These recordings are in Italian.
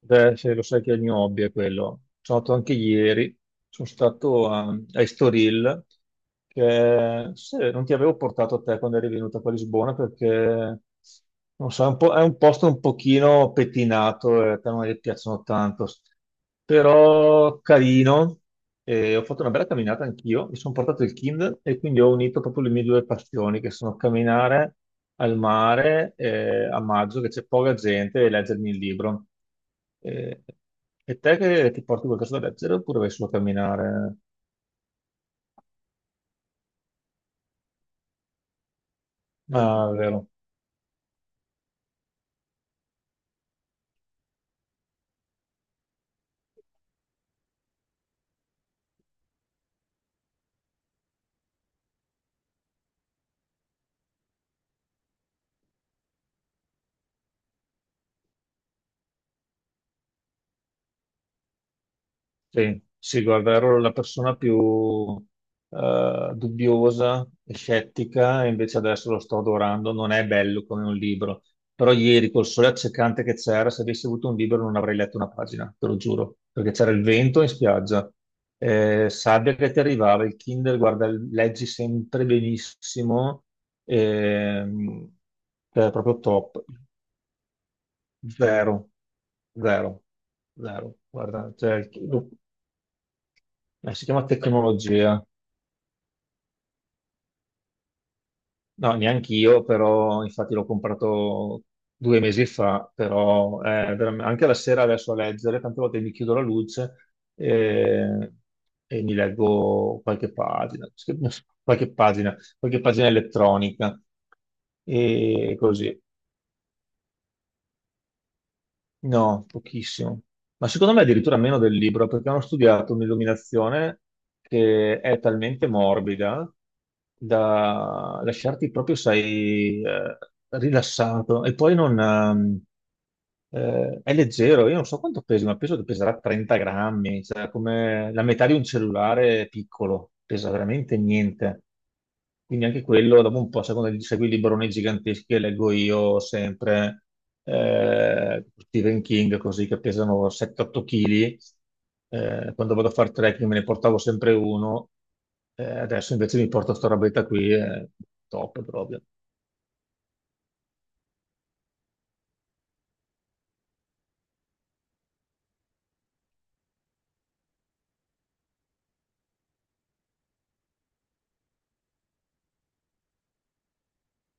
Beh, se lo sai che il mio hobby è quello. Sono stato anche ieri, sono stato a Estoril, che se, non ti avevo portato a te quando eri venuta qua a Lisbona perché non so, è un posto un pochino pettinato e a te non ti piacciono tanto, però carino. E ho fatto una bella camminata anch'io, mi sono portato il Kindle e quindi ho unito proprio le mie due passioni, che sono camminare al mare a maggio, che c'è poca gente, e leggermi il libro. E, e te che ti porti qualcosa da leggere oppure vai solo a camminare? Ah, vero. Sì, sì, guarda, ero la persona più dubbiosa e scettica, e invece adesso lo sto adorando. Non è bello come un libro, però ieri col sole accecante che c'era, se avessi avuto un libro non avrei letto una pagina, te lo giuro, perché c'era il vento in spiaggia, sabbia che ti arrivava, il Kindle, guarda, leggi sempre benissimo, ehm, è proprio top, zero, zero, zero, guarda, cioè, si chiama tecnologia. No, neanche io, però infatti l'ho comprato 2 mesi fa, però anche la sera adesso a leggere, tante volte mi chiudo la luce e, mi leggo qualche pagina, qualche pagina elettronica e così. No, pochissimo. Ma secondo me addirittura meno del libro, perché hanno studiato un'illuminazione che è talmente morbida da lasciarti proprio, sai, rilassato. E poi non, è leggero, io non so quanto pesi, ma penso che peserà 30 grammi, cioè come la metà di un cellulare piccolo, pesa veramente niente. Quindi anche quello, dopo un po', sai, quando segui i libroni giganteschi che leggo io sempre, Stephen King, così che pesano 7-8 kg, quando vado a fare trekking me ne portavo sempre uno, adesso invece mi porto sta robetta qui, è top proprio.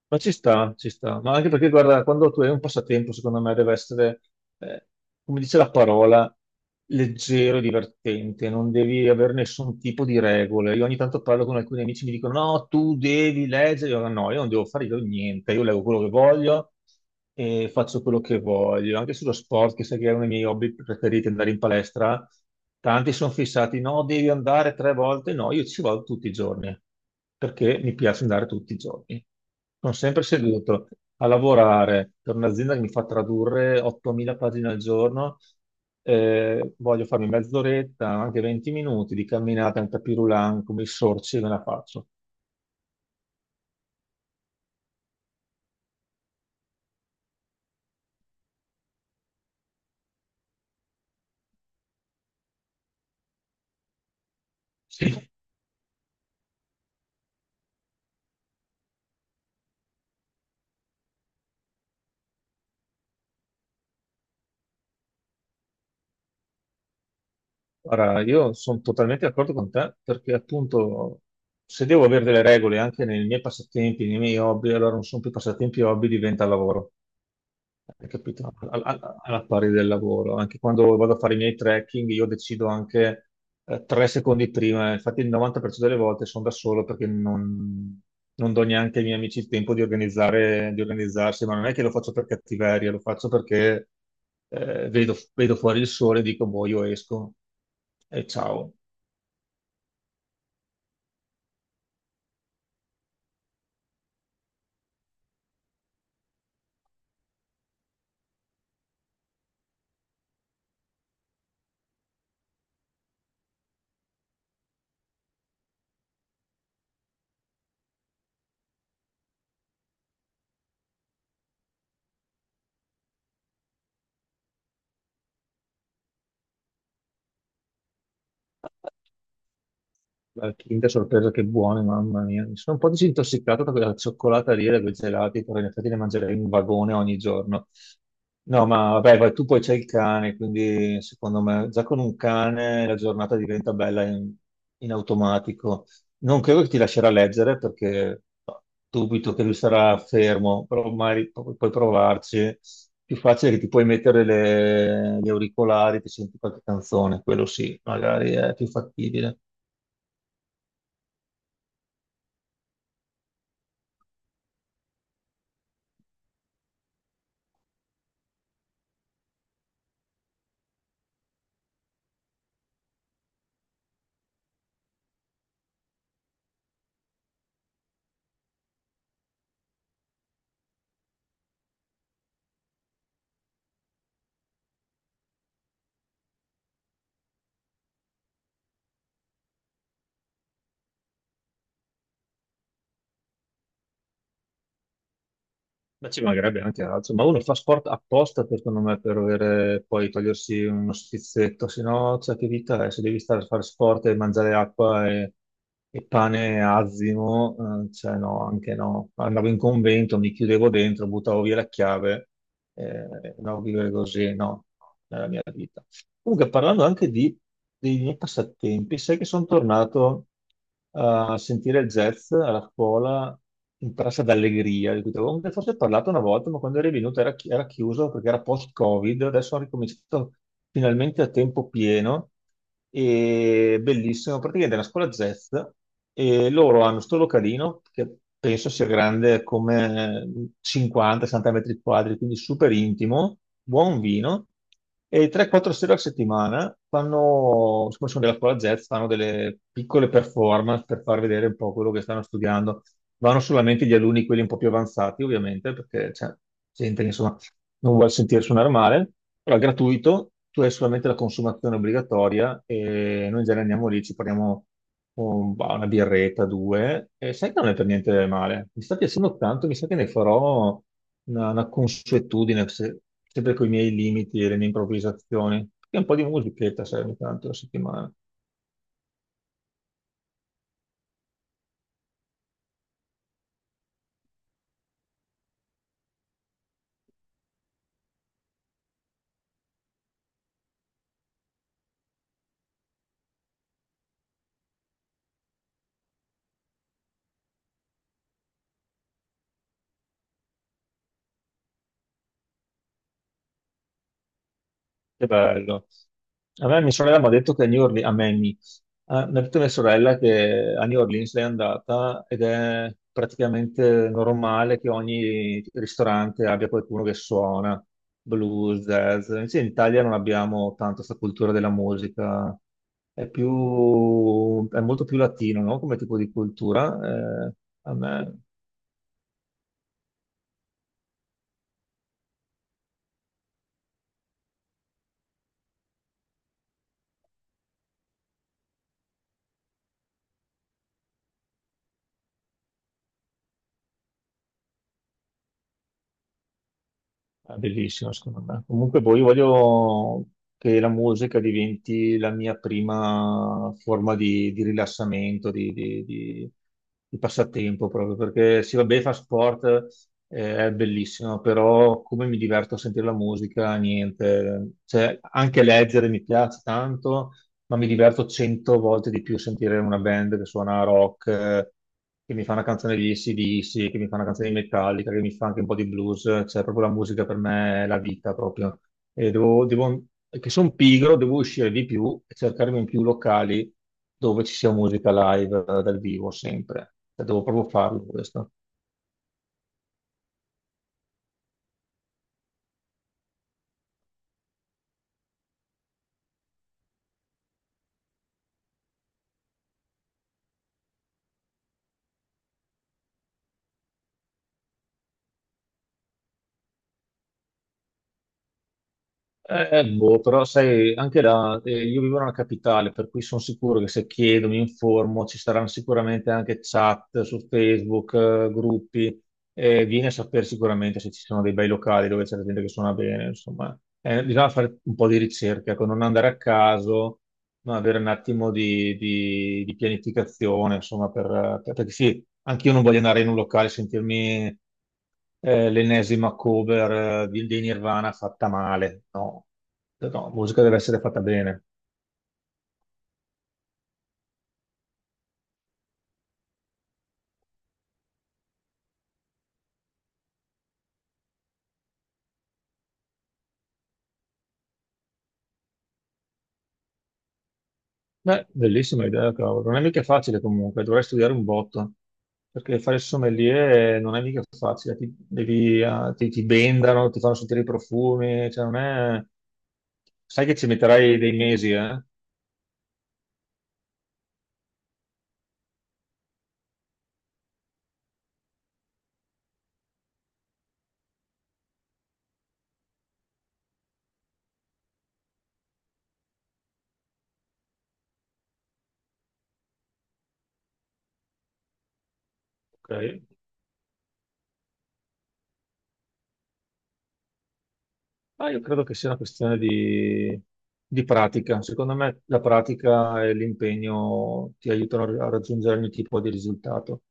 Ma ci sta, ma anche perché guarda, quando tu hai un passatempo, secondo me deve essere, eh, come dice la parola, leggero e divertente, non devi avere nessun tipo di regole. Io ogni tanto parlo con alcuni amici, mi dicono no, tu devi leggere, io no, io non devo fare io niente, io leggo quello che voglio, e faccio quello che voglio. Anche sullo sport, che sai che è uno dei miei hobby preferiti, andare in palestra, tanti sono fissati, no, devi andare 3 volte, no, io ci vado tutti i giorni, perché mi piace andare tutti i giorni. Sono sempre seduto a lavorare per un'azienda che mi fa tradurre 8.000 pagine al giorno, voglio farmi mezz'oretta, anche 20 minuti di camminata in tapis roulant, come i sorci, e me la faccio. Ora, io sono totalmente d'accordo con te perché appunto se devo avere delle regole anche nei miei passatempi, nei miei hobby, allora non sono più passatempi e hobby, diventa lavoro. Hai capito? Alla pari del lavoro, anche quando vado a fare i miei trekking, io decido anche 3 secondi prima. Infatti, il 90% delle volte sono da solo perché non do neanche ai miei amici il tempo di organizzare, di organizzarsi. Ma non è che lo faccio per cattiveria, lo faccio perché vedo fuori il sole e dico, boh, io esco e ciao. La Kinder sorpresa che buone, mamma mia. Mi sono un po' disintossicato da quella cioccolata lì, da quei gelati, però in effetti ne mangerei un vagone ogni giorno. No, ma vabbè, vai, tu poi c'hai il cane, quindi secondo me già con un cane la giornata diventa bella in automatico. Non credo che ti lascerà leggere perché no, dubito che lui sarà fermo, però magari puoi provarci. Più facile che ti puoi mettere gli auricolari, ti senti qualche canzone, quello sì, magari è più fattibile. Ma ci mancherebbe anche altro, ma uno fa sport apposta secondo me per avere, poi togliersi uno schizzetto, se no cioè, che vita è, se devi stare a fare sport e mangiare acqua e pane azimo, cioè no, anche no. Andavo in convento, mi chiudevo dentro, buttavo via la chiave, no, vivere così no, nella mia vita. Comunque, parlando anche dei miei passatempi, sai che sono tornato a sentire il jazz alla scuola in Piazza d'Allegria, di cui ti avevo forse parlato una volta, ma quando eri venuto era chiuso perché era post-Covid, adesso ho ricominciato finalmente a tempo pieno e bellissimo, praticamente è una scuola jazz e loro hanno sto localino che penso sia grande come 50-60 metri quadri, quindi super intimo, buon vino e 3-4 sere a settimana fanno, siccome sono della scuola jazz, fanno delle piccole performance per far vedere un po' quello che stanno studiando. Vanno solamente gli alunni, quelli un po' più avanzati, ovviamente, perché c'è gente che insomma non vuole sentire suonare male, però è gratuito, tu hai solamente la consumazione obbligatoria e noi in genere andiamo lì, ci prendiamo una birretta, due, e sai che non è per niente male. Mi sta piacendo tanto, mi sa che ne farò una consuetudine, sempre con i miei limiti e le mie improvvisazioni, e un po' di musichetta serve tanto la settimana. Che bello. A me mia sorella mi ha detto che a New Orleans, a me, mi Ah, mi ha detto mia sorella che a New Orleans lei è andata ed è praticamente normale che ogni ristorante abbia qualcuno che suona blues, jazz. Invece in Italia non abbiamo tanto questa cultura della musica, è più, è molto più latino, no? Come tipo di cultura. A me. È bellissimo, secondo me. Comunque, poi io voglio che la musica diventi la mia prima forma di rilassamento, di passatempo, proprio perché sì, vabbè, fa sport, è bellissimo, però come mi diverto a sentire la musica, niente. Cioè, anche leggere mi piace tanto, ma mi diverto 100 volte di più sentire una band che suona rock, che mi fa una canzone di AC/DC, che mi fa una canzone di Metallica, che mi fa anche un po' di blues, cioè proprio la musica per me è la vita proprio. E devo, devo- che sono pigro, devo uscire di più e cercarmi in più locali dove ci sia musica live dal vivo sempre. Cioè, devo proprio farlo questo. Boh, però sai, anche là, io vivo nella capitale, per cui sono sicuro che se chiedo, mi informo, ci saranno sicuramente anche chat su Facebook, gruppi, vieni a sapere sicuramente se ci sono dei bei locali dove c'è la gente che suona bene, insomma. Bisogna fare un po' di ricerca, ecco, non andare a caso, ma avere un attimo di pianificazione, insomma, perché sì, anche io non voglio andare in un locale e sentirmi l'ennesima cover dei Nirvana fatta male. No, cioè, no, la musica deve essere fatta bene. Beh, bellissima idea, cavolo. Non è mica facile comunque, dovrei studiare un botto, perché fare il sommelier non è mica facile, ti bendano, ti fanno sentire i profumi, cioè non è. Sai che ci metterai dei mesi, eh? Ok. Ma io credo che sia una questione di pratica. Secondo me la pratica e l'impegno ti aiutano a raggiungere ogni tipo di risultato.